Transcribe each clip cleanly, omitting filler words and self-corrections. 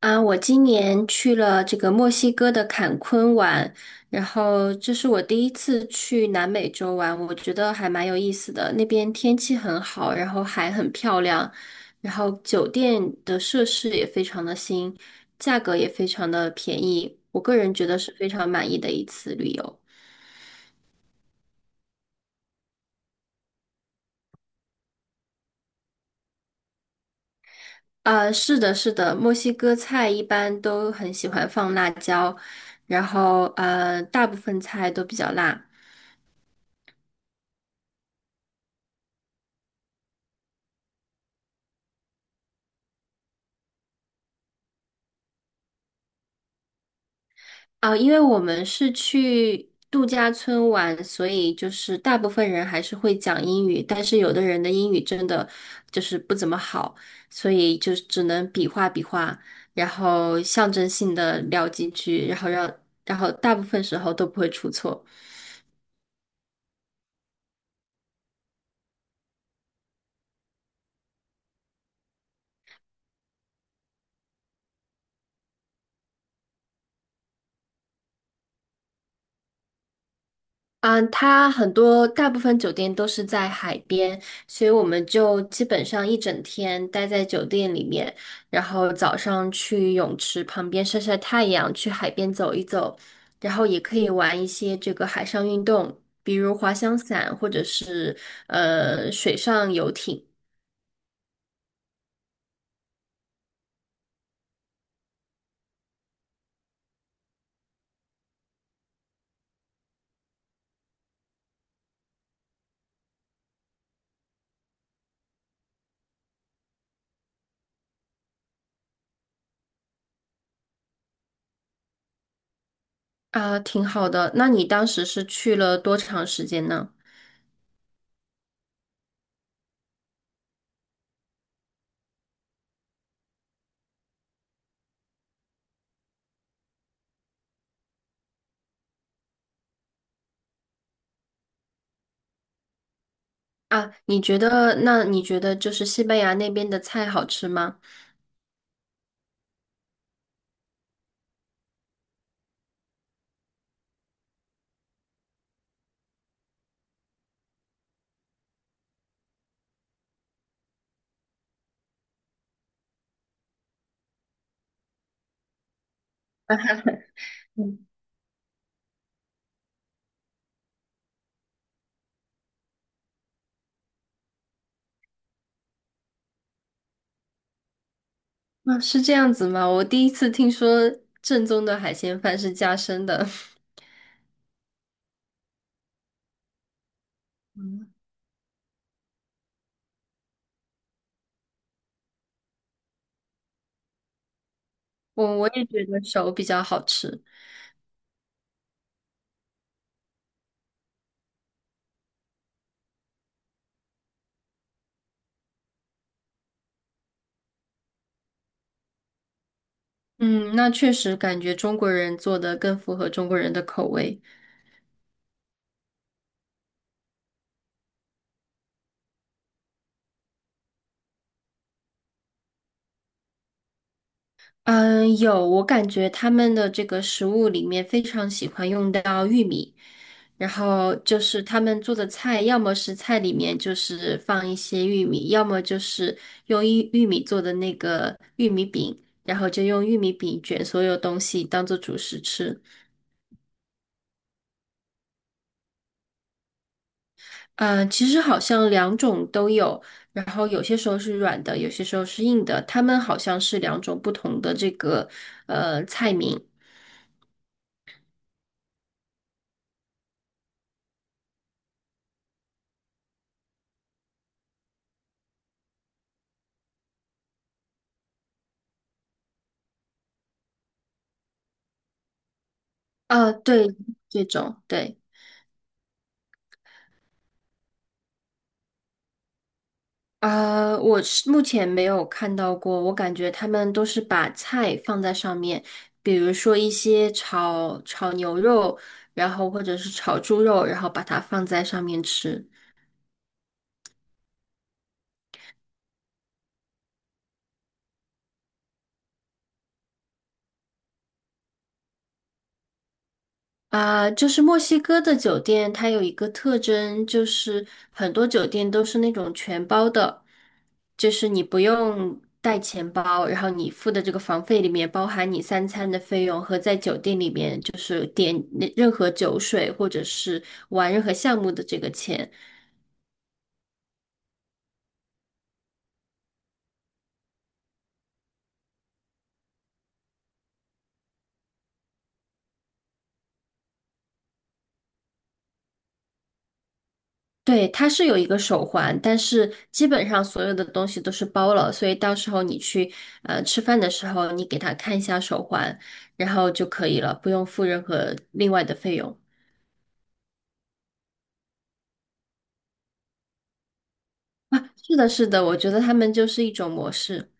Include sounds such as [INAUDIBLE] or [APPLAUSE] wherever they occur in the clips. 啊，我今年去了这个墨西哥的坎昆玩，然后这是我第一次去南美洲玩，我觉得还蛮有意思的。那边天气很好，然后海很漂亮，然后酒店的设施也非常的新，价格也非常的便宜，我个人觉得是非常满意的一次旅游。啊，是的，是的，墨西哥菜一般都很喜欢放辣椒，然后大部分菜都比较辣。啊，因为我们是去度假村玩，所以就是大部分人还是会讲英语，但是有的人的英语真的就是不怎么好，所以就只能比划比划，然后象征性的聊几句，然后让，然后大部分时候都不会出错。嗯，它很多大部分酒店都是在海边，所以我们就基本上一整天待在酒店里面，然后早上去泳池旁边晒晒太阳，去海边走一走，然后也可以玩一些这个海上运动，比如滑翔伞或者是水上游艇啊，挺好的。那你当时是去了多长时间呢？啊，你觉得，那你觉得就是西班牙那边的菜好吃吗？啊，是这样子吗？我第一次听说正宗的海鲜饭是加生的。[LAUGHS] 嗯，我也觉得手比较好吃。嗯，那确实感觉中国人做的更符合中国人的口味。嗯，有，我感觉他们的这个食物里面非常喜欢用到玉米，然后就是他们做的菜，要么是菜里面就是放一些玉米，要么就是用玉米做的那个玉米饼，然后就用玉米饼卷所有东西当做主食吃。嗯，其实好像两种都有，然后有些时候是软的，有些时候是硬的，他们好像是两种不同的这个菜名。啊，对，这种对。呃，我是目前没有看到过，我感觉他们都是把菜放在上面，比如说一些炒牛肉，然后或者是炒猪肉，然后把它放在上面吃。啊，就是墨西哥的酒店，它有一个特征，就是很多酒店都是那种全包的，就是你不用带钱包，然后你付的这个房费里面包含你三餐的费用和在酒店里面就是点那任何酒水或者是玩任何项目的这个钱。对，它是有一个手环，但是基本上所有的东西都是包了，所以到时候你去吃饭的时候，你给他看一下手环，然后就可以了，不用付任何另外的费用。啊，是的，是的，我觉得他们就是一种模式。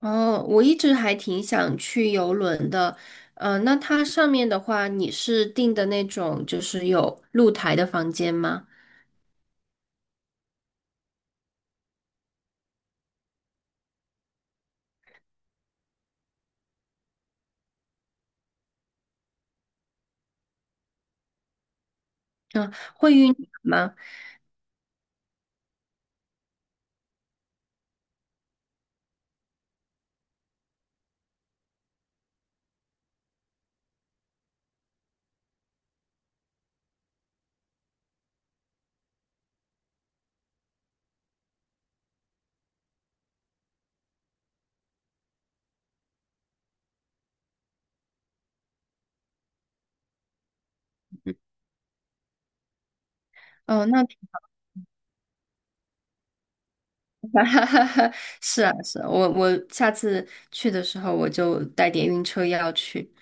哦，我一直还挺想去游轮的。呃，那它上面的话，你是订的那种就是有露台的房间吗？嗯，会晕船吗？哦，那 [LAUGHS] 哈哈，是啊，是啊，我下次去的时候我就带点晕车药去。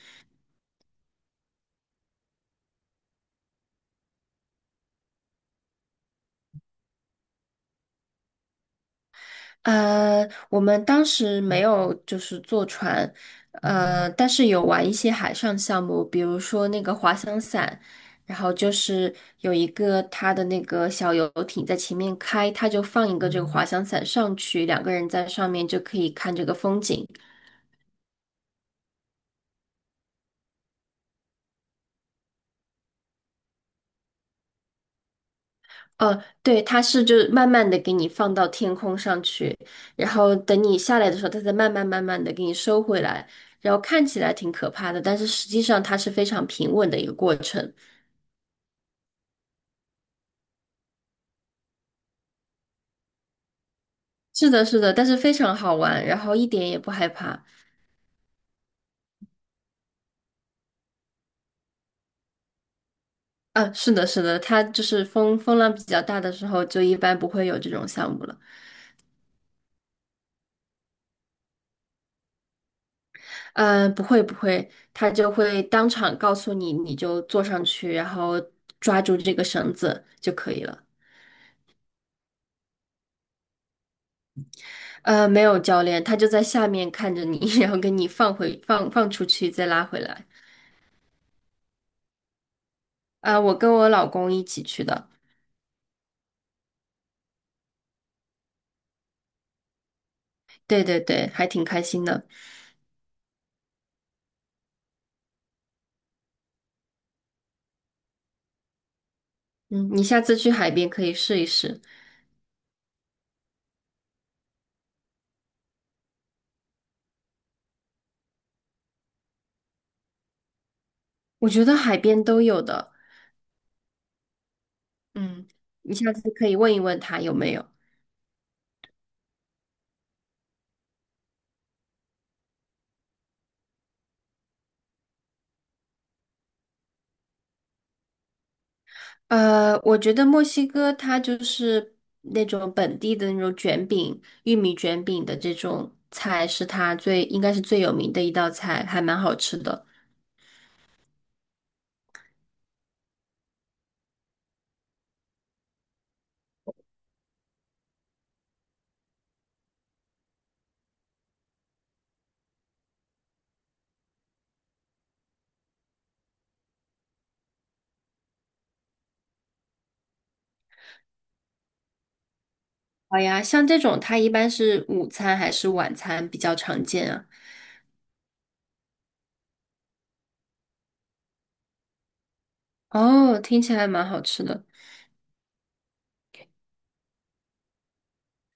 呃，我们当时没有就是坐船，呃，但是有玩一些海上项目，比如说那个滑翔伞，然后就是有一个它的那个小游艇在前面开，它就放一个这个滑翔伞上去，两个人在上面就可以看这个风景。呃，对，它是就是慢慢的给你放到天空上去，然后等你下来的时候，它再慢慢慢慢的给你收回来，然后看起来挺可怕的，但是实际上它是非常平稳的一个过程。是的，是的，但是非常好玩，然后一点也不害怕。啊，是的，是的，它就是风浪比较大的时候，就一般不会有这种项目了。嗯，不会不会，它就会当场告诉你，你就坐上去，然后抓住这个绳子就可以了。呃，没有教练，他就在下面看着你，[LAUGHS] 然后给你放回放放出去，再拉回来。啊、我跟我老公一起去的，对对对，还挺开心的。嗯，你下次去海边可以试一试，我觉得海边都有的。嗯，你下次可以问一问他有没有。呃，我觉得墨西哥它就是那种本地的那种卷饼、玉米卷饼的这种菜，是它最应该是最有名的一道菜，还蛮好吃的。好呀，像这种它一般是午餐还是晚餐比较常见啊？哦，听起来蛮好吃的。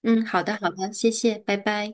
嗯，好的，好的，谢谢，拜拜。